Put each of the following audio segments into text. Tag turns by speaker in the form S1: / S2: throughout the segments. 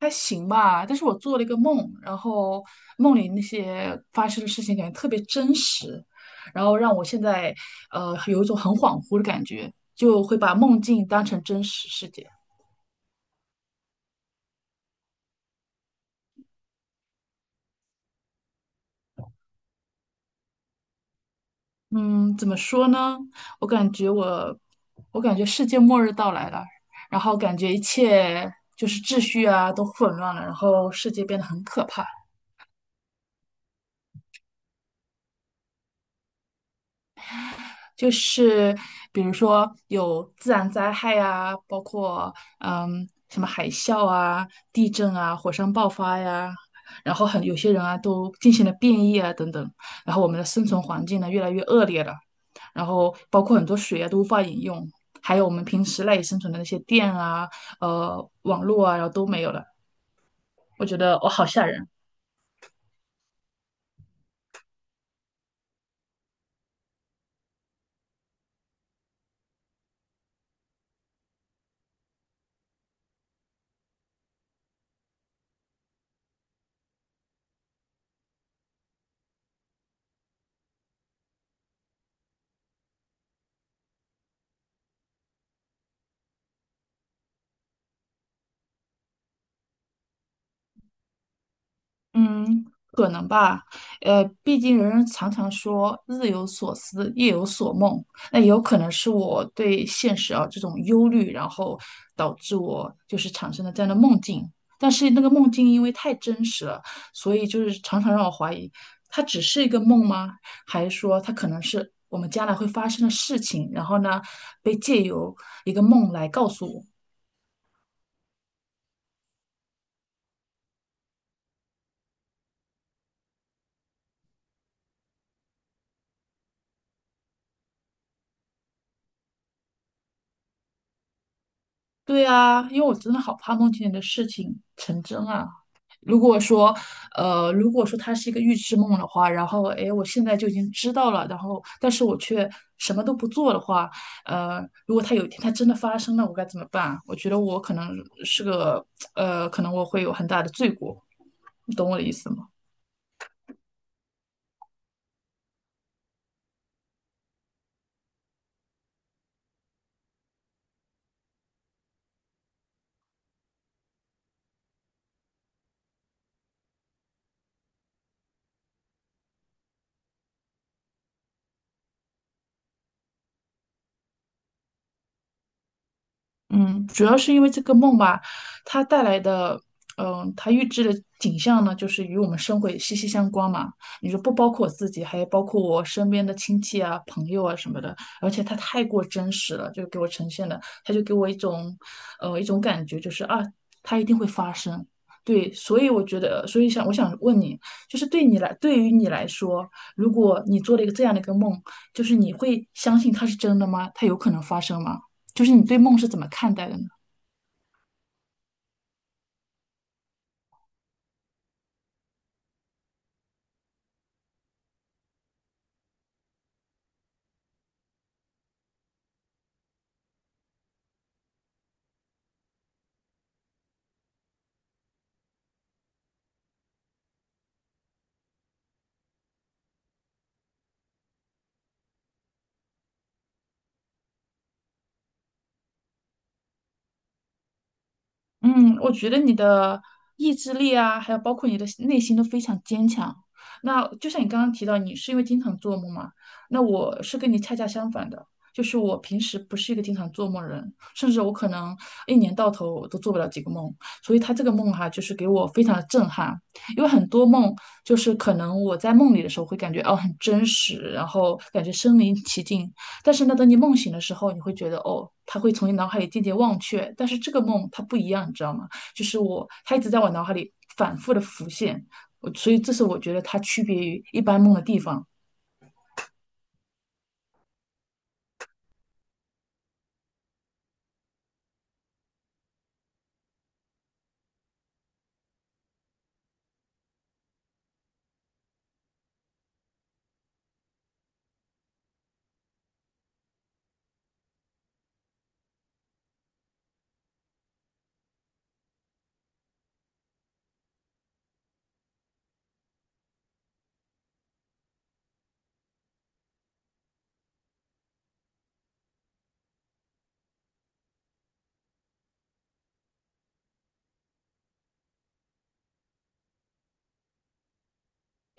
S1: 还行吧，但是我做了一个梦，然后梦里那些发生的事情感觉特别真实，然后让我现在有一种很恍惚的感觉，就会把梦境当成真实世界。嗯，怎么说呢？我感觉我，我感觉世界末日到来了，然后感觉一切就是秩序啊都混乱了，然后世界变得很可怕。就是比如说有自然灾害啊，包括什么海啸啊、地震啊、火山爆发呀，然后很有些人啊都进行了变异啊等等，然后我们的生存环境呢越来越恶劣了，然后包括很多水啊都无法饮用，还有我们平时赖以生存的那些电啊、网络啊，然后都没有了，我觉得我好吓人。嗯，可能吧，毕竟人人常常说日有所思，夜有所梦，那也有可能是我对现实啊这种忧虑，然后导致我就是产生了这样的梦境。但是那个梦境因为太真实了，所以就是常常让我怀疑，它只是一个梦吗？还是说它可能是我们将来会发生的事情，然后呢，被借由一个梦来告诉我？对啊，因为我真的好怕梦见你的事情成真啊。如果说，如果说它是一个预知梦的话，然后，哎，我现在就已经知道了，然后，但是我却什么都不做的话，如果它有一天它真的发生了，我该怎么办？我觉得我可能是个，可能我会有很大的罪过，你懂我的意思吗？嗯，主要是因为这个梦吧，它带来的，嗯，它预知的景象呢，就是与我们生活也息息相关嘛。你说不包括我自己，还有包括我身边的亲戚啊、朋友啊什么的，而且它太过真实了，就给我呈现了，它就给我一种，一种感觉，就是啊，它一定会发生。对，所以我觉得，所以我想问你，就是对你来，对于你来说，如果你做了一个这样的一个梦，就是你会相信它是真的吗？它有可能发生吗？就是你对梦是怎么看待的呢？嗯，我觉得你的意志力啊，还有包括你的内心都非常坚强。那就像你刚刚提到，你是因为经常做梦嘛？那我是跟你恰恰相反的，就是我平时不是一个经常做梦的人，甚至我可能一年到头都做不了几个梦。所以他这个梦哈、就是给我非常的震撼，因为很多梦就是可能我在梦里的时候会感觉哦很真实，然后感觉身临其境，但是呢，等你梦醒的时候，你会觉得哦，它会从你脑海里渐渐忘却。但是这个梦它不一样，你知道吗？就是我，它一直在我脑海里反复的浮现，我所以这是我觉得它区别于一般梦的地方。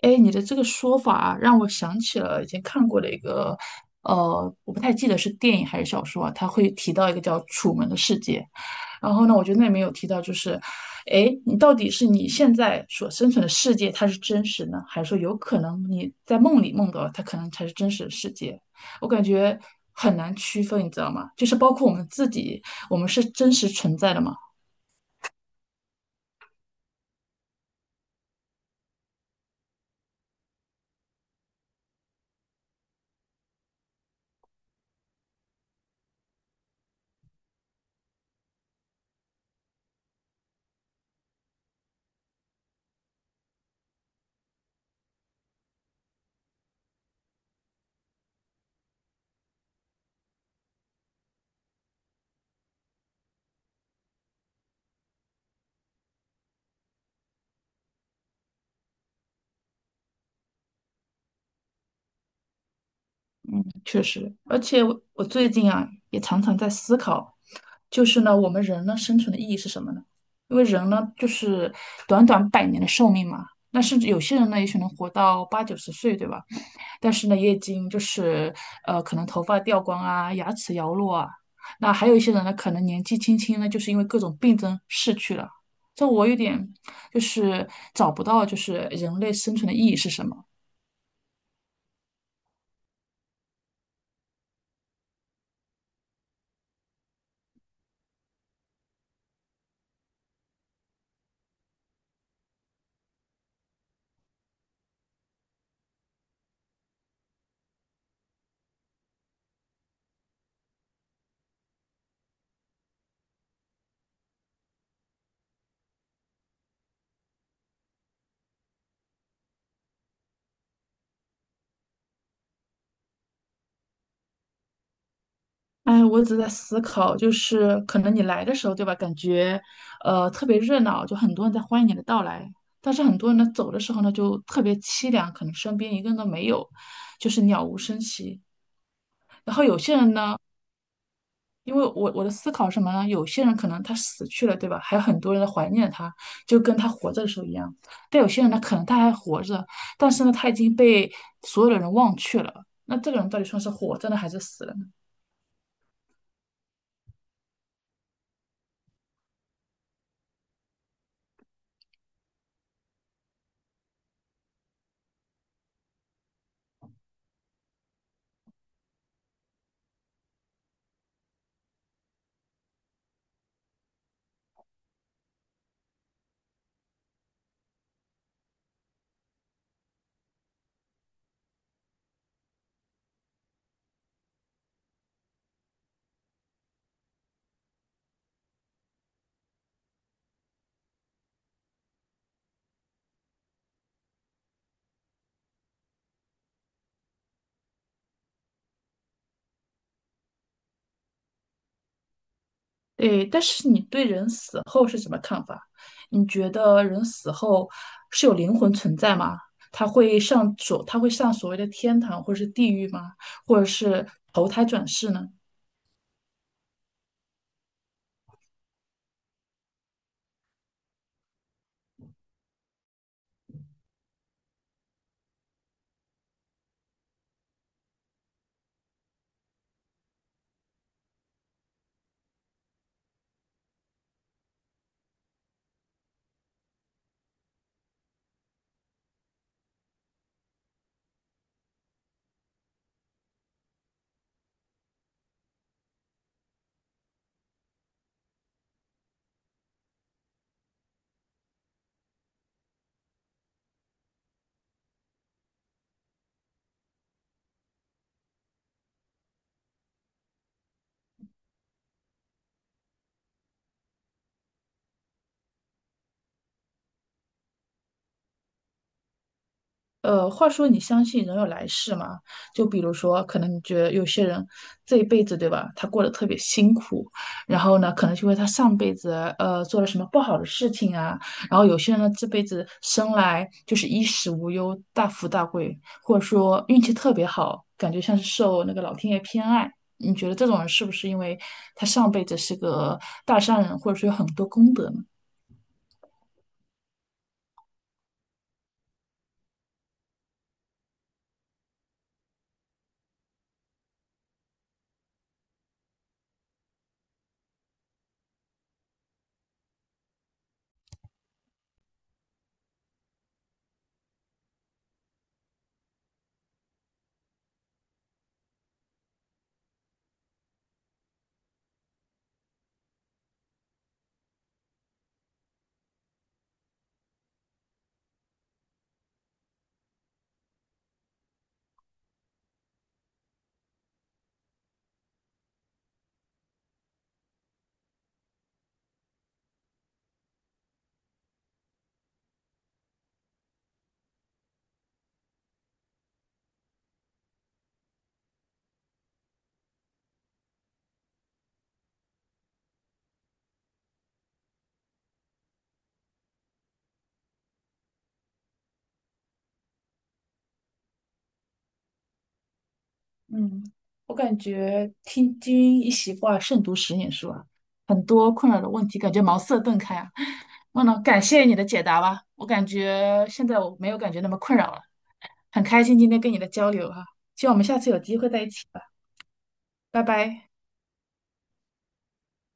S1: 哎，你的这个说法啊让我想起了以前看过的一个，我不太记得是电影还是小说啊，它会提到一个叫《楚门的世界》，然后呢，我觉得那里面有提到，就是，哎，你到底是你现在所生存的世界它是真实呢，还是说有可能你在梦里梦到了它可能才是真实的世界？我感觉很难区分，你知道吗？就是包括我们自己，我们是真实存在的吗？确实，而且我最近啊，也常常在思考，就是呢，我们人呢生存的意义是什么呢？因为人呢，就是短短百年的寿命嘛。那甚至有些人呢，也许能活到八九十岁，对吧？但是呢，也已经就是可能头发掉光啊，牙齿摇落啊。那还有一些人呢，可能年纪轻轻呢，就是因为各种病症逝去了。这我有点就是找不到，就是人类生存的意义是什么。哎，我一直在思考，就是可能你来的时候，对吧？感觉，特别热闹，就很多人在欢迎你的到来。但是很多人呢，走的时候呢，就特别凄凉，可能身边一个人都没有，就是鸟无声息。然后有些人呢，因为我的思考是什么呢？有些人可能他死去了，对吧？还有很多人在怀念他，就跟他活着的时候一样。但有些人呢，可能他还活着，但是呢，他已经被所有的人忘却了。那这个人到底算是活着呢，还是死了？对，但是你对人死后是什么看法？你觉得人死后是有灵魂存在吗？他会上所谓的天堂或者是地狱吗？或者是投胎转世呢？话说你相信人有来世吗？就比如说，可能你觉得有些人这一辈子，对吧？他过得特别辛苦，然后呢，可能就为他上辈子做了什么不好的事情啊。然后有些人呢，这辈子生来就是衣食无忧、大富大贵，或者说运气特别好，感觉像是受那个老天爷偏爱。你觉得这种人是不是因为他上辈子是个大善人，或者说有很多功德呢？嗯，我感觉听君一席话，胜读十年书啊，很多困扰的问题感觉茅塞顿开啊。忘了，感谢你的解答吧，我感觉现在我没有感觉那么困扰了，很开心今天跟你的交流哈、希望我们下次有机会在一起吧，拜拜。